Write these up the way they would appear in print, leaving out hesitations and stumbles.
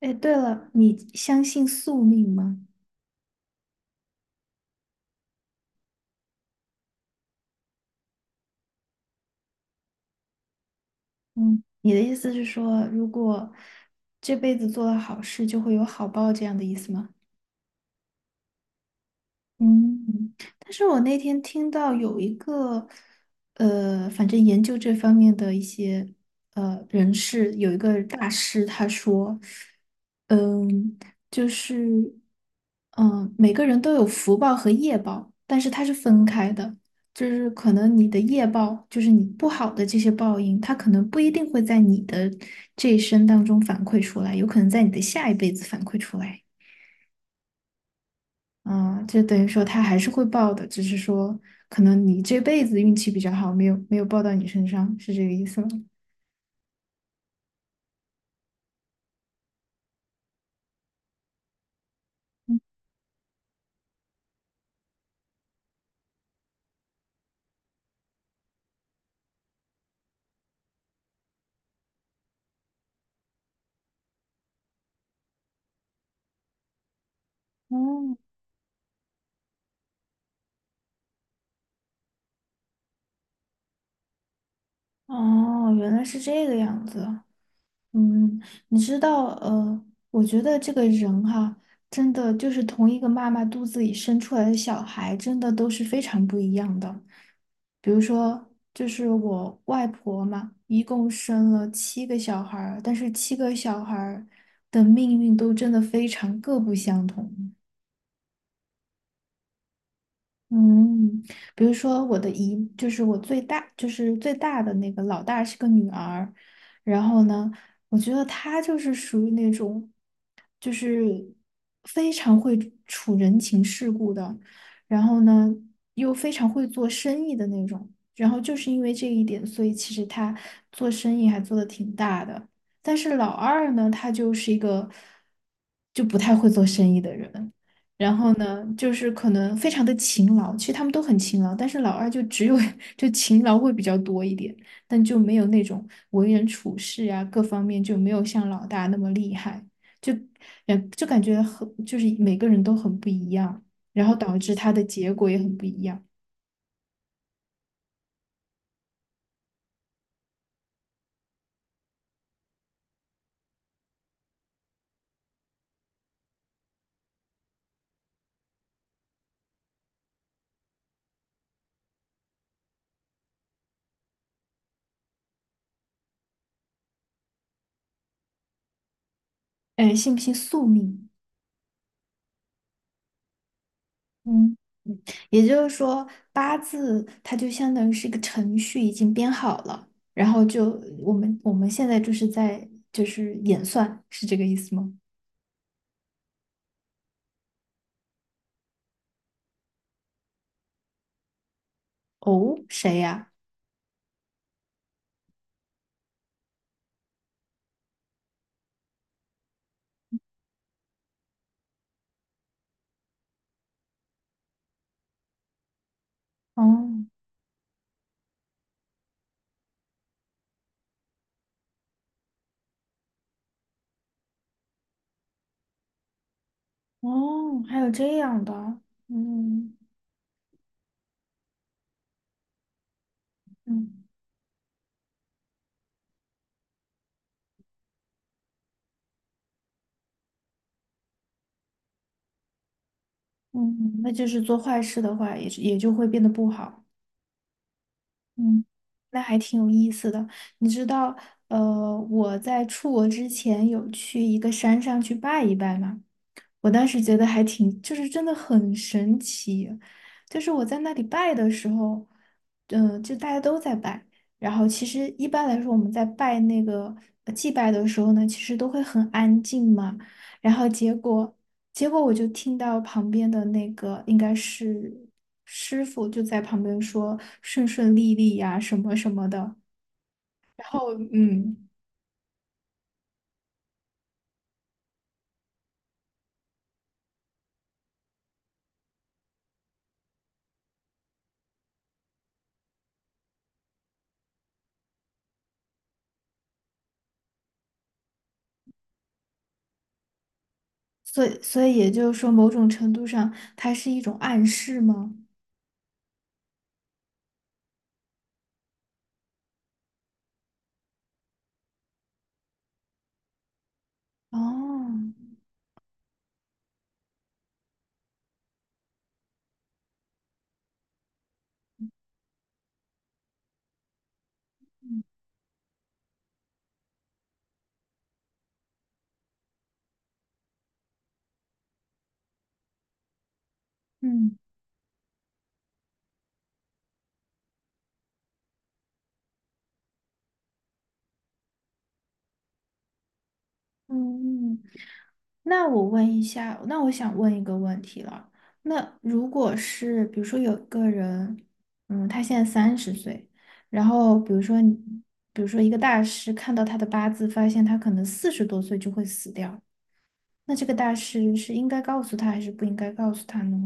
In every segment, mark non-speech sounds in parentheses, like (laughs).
哎，对了，你相信宿命吗？嗯，你的意思是说，如果这辈子做了好事，就会有好报这样的意思吗？嗯，但是我那天听到有一个，反正研究这方面的一些人士，有一个大师他说，嗯，就是，嗯，每个人都有福报和业报，但是它是分开的，就是可能你的业报，就是你不好的这些报应，它可能不一定会在你的这一生当中反馈出来，有可能在你的下一辈子反馈出来。啊，就等于说他还是会报的，只是说可能你这辈子运气比较好，没有报到你身上，是这个意思吗？哦，原来是这个样子。嗯，你知道，我觉得这个人哈，真的就是同一个妈妈肚子里生出来的小孩，真的都是非常不一样的。比如说，就是我外婆嘛，一共生了七个小孩儿，但是七个小孩儿的命运都真的非常各不相同。嗯，比如说我的姨，就是我最大，就是最大的那个老大是个女儿，然后呢，我觉得她就是属于那种，就是非常会处人情世故的，然后呢，又非常会做生意的那种，然后就是因为这一点，所以其实她做生意还做得挺大的，但是老二呢，他就是一个就不太会做生意的人。然后呢，就是可能非常的勤劳，其实他们都很勤劳，但是老二就只有 (laughs) 就勤劳会比较多一点，但就没有那种为人处事啊，各方面就没有像老大那么厉害，就感觉很就是每个人都很不一样，然后导致他的结果也很不一样。哎，信不信宿命？嗯，嗯也就是说，八字它就相当于是一个程序，已经编好了，然后就我们现在就是在演算，是这个意思吗？哦，谁呀？哦哦，还有这样的，嗯嗯嗯，那就是做坏事的话，也就会变得不好。嗯，那还挺有意思的。你知道，我在出国之前有去一个山上去拜一拜吗？我当时觉得还挺，就是真的很神奇。就是我在那里拜的时候，就大家都在拜。然后其实一般来说，我们在拜那个祭拜的时候呢，其实都会很安静嘛。然后结果，我就听到旁边的那个应该是师傅就在旁边说顺顺利利呀、什么什么的。然后所以也就是说，某种程度上，它是一种暗示吗？哦，嗯嗯，嗯那我问一下，那我想问一个问题了。那如果是比如说有一个人，他现在30岁，然后比如说一个大师看到他的八字，发现他可能四十多岁就会死掉，那这个大师是应该告诉他还是不应该告诉他呢？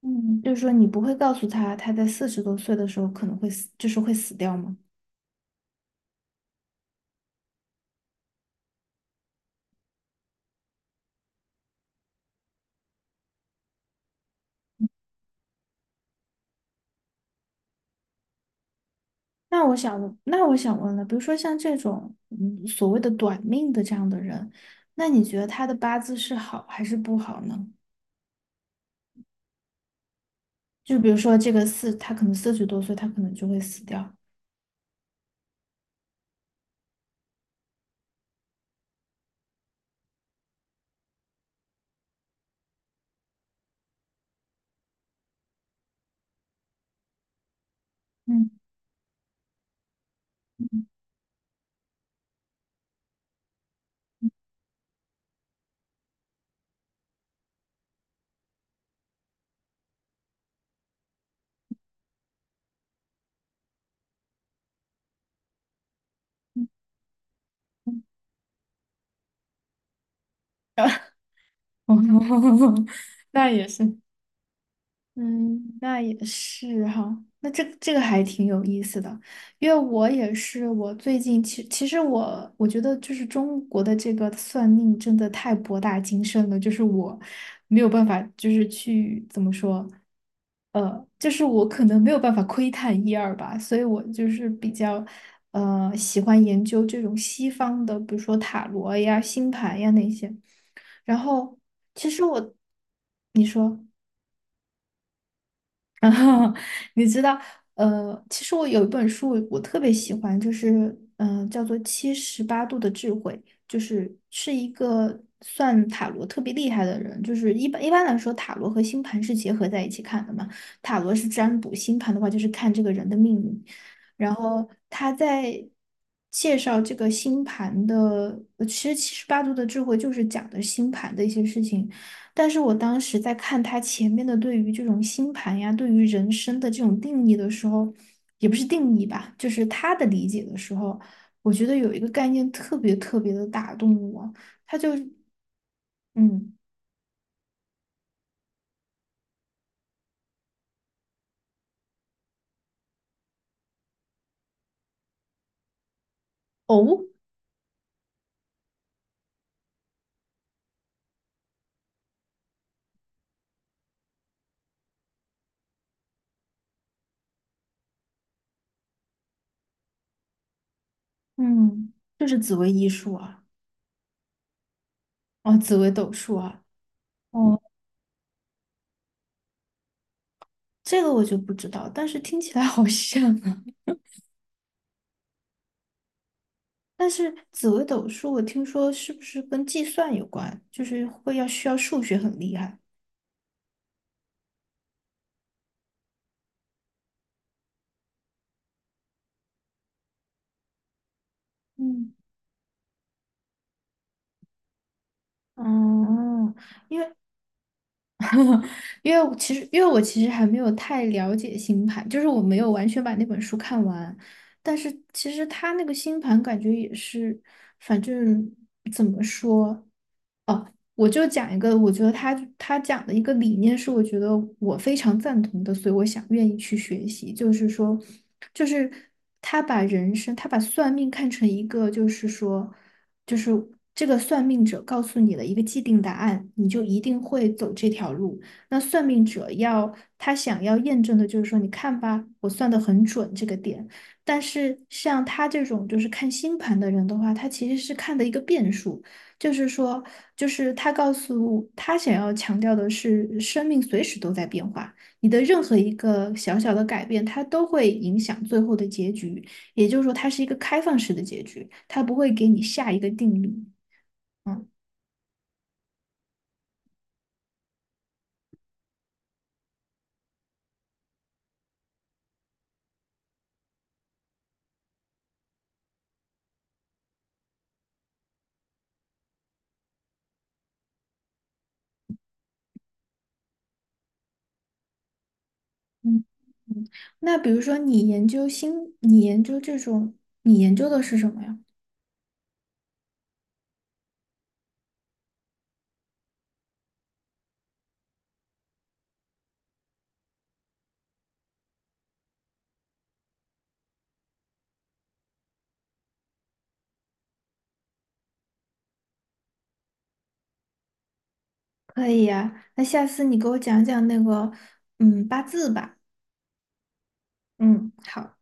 嗯，就是说你不会告诉他他在四十多岁的时候可能会死，就是会死掉吗？那我想问了，比如说像这种所谓的短命的这样的人，那你觉得他的八字是好还是不好呢？就比如说这个四，他可能四十多岁，他可能就会死掉。嗯嗯嗯，(laughs) 哦 (laughs) 那也是。嗯，那也是哈，那这个还挺有意思的，因为我也是，我最近其实我觉得就是中国的这个算命真的太博大精深了，就是我没有办法，就是去怎么说，就是我可能没有办法窥探一二吧，所以我就是比较喜欢研究这种西方的，比如说塔罗呀、星盘呀那些，然后其实我，你说。(laughs) 然后你知道，其实我有一本书我特别喜欢，就是叫做《七十八度的智慧》，就是一个算塔罗特别厉害的人，就是一般来说，塔罗和星盘是结合在一起看的嘛，塔罗是占卜，星盘的话就是看这个人的命运。然后他在介绍这个星盘的，其实七十八度的智慧就是讲的星盘的一些事情，但是我当时在看他前面的对于这种星盘呀，对于人生的这种定义的时候，也不是定义吧，就是他的理解的时候，我觉得有一个概念特别特别的打动我，他就嗯哦嗯，就是紫薇艺术啊，哦紫薇斗数啊，哦这个我就不知道，但是听起来好像啊。但是紫薇斗数我听说是不是跟计算有关，就是会要需要数学很厉害。嗯。哦，因为 (laughs) 因为我其实还没有太了解星盘，就是我没有完全把那本书看完，但是其实他那个星盘感觉也是，反正怎么说。我就讲一个，我觉得他讲的一个理念是，我觉得我非常赞同的，所以我想愿意去学习。就是说，就是他把人生，他把算命看成一个，就是说，就是这个算命者告诉你了一个既定答案，你就一定会走这条路。那算命者要他想要验证的就是说，你看吧，我算的很准这个点。但是像他这种就是看星盘的人的话，他其实是看的一个变数。就是说，就是他告诉他想要强调的是，生命随时都在变化，你的任何一个小小的改变，它都会影响最后的结局。也就是说，它是一个开放式的结局，它不会给你下一个定律。嗯嗯嗯。那比如说，你研究新，你研究这种，你研究的是什么呀？可以呀，那下次你给我讲讲那个，八字吧。嗯，好。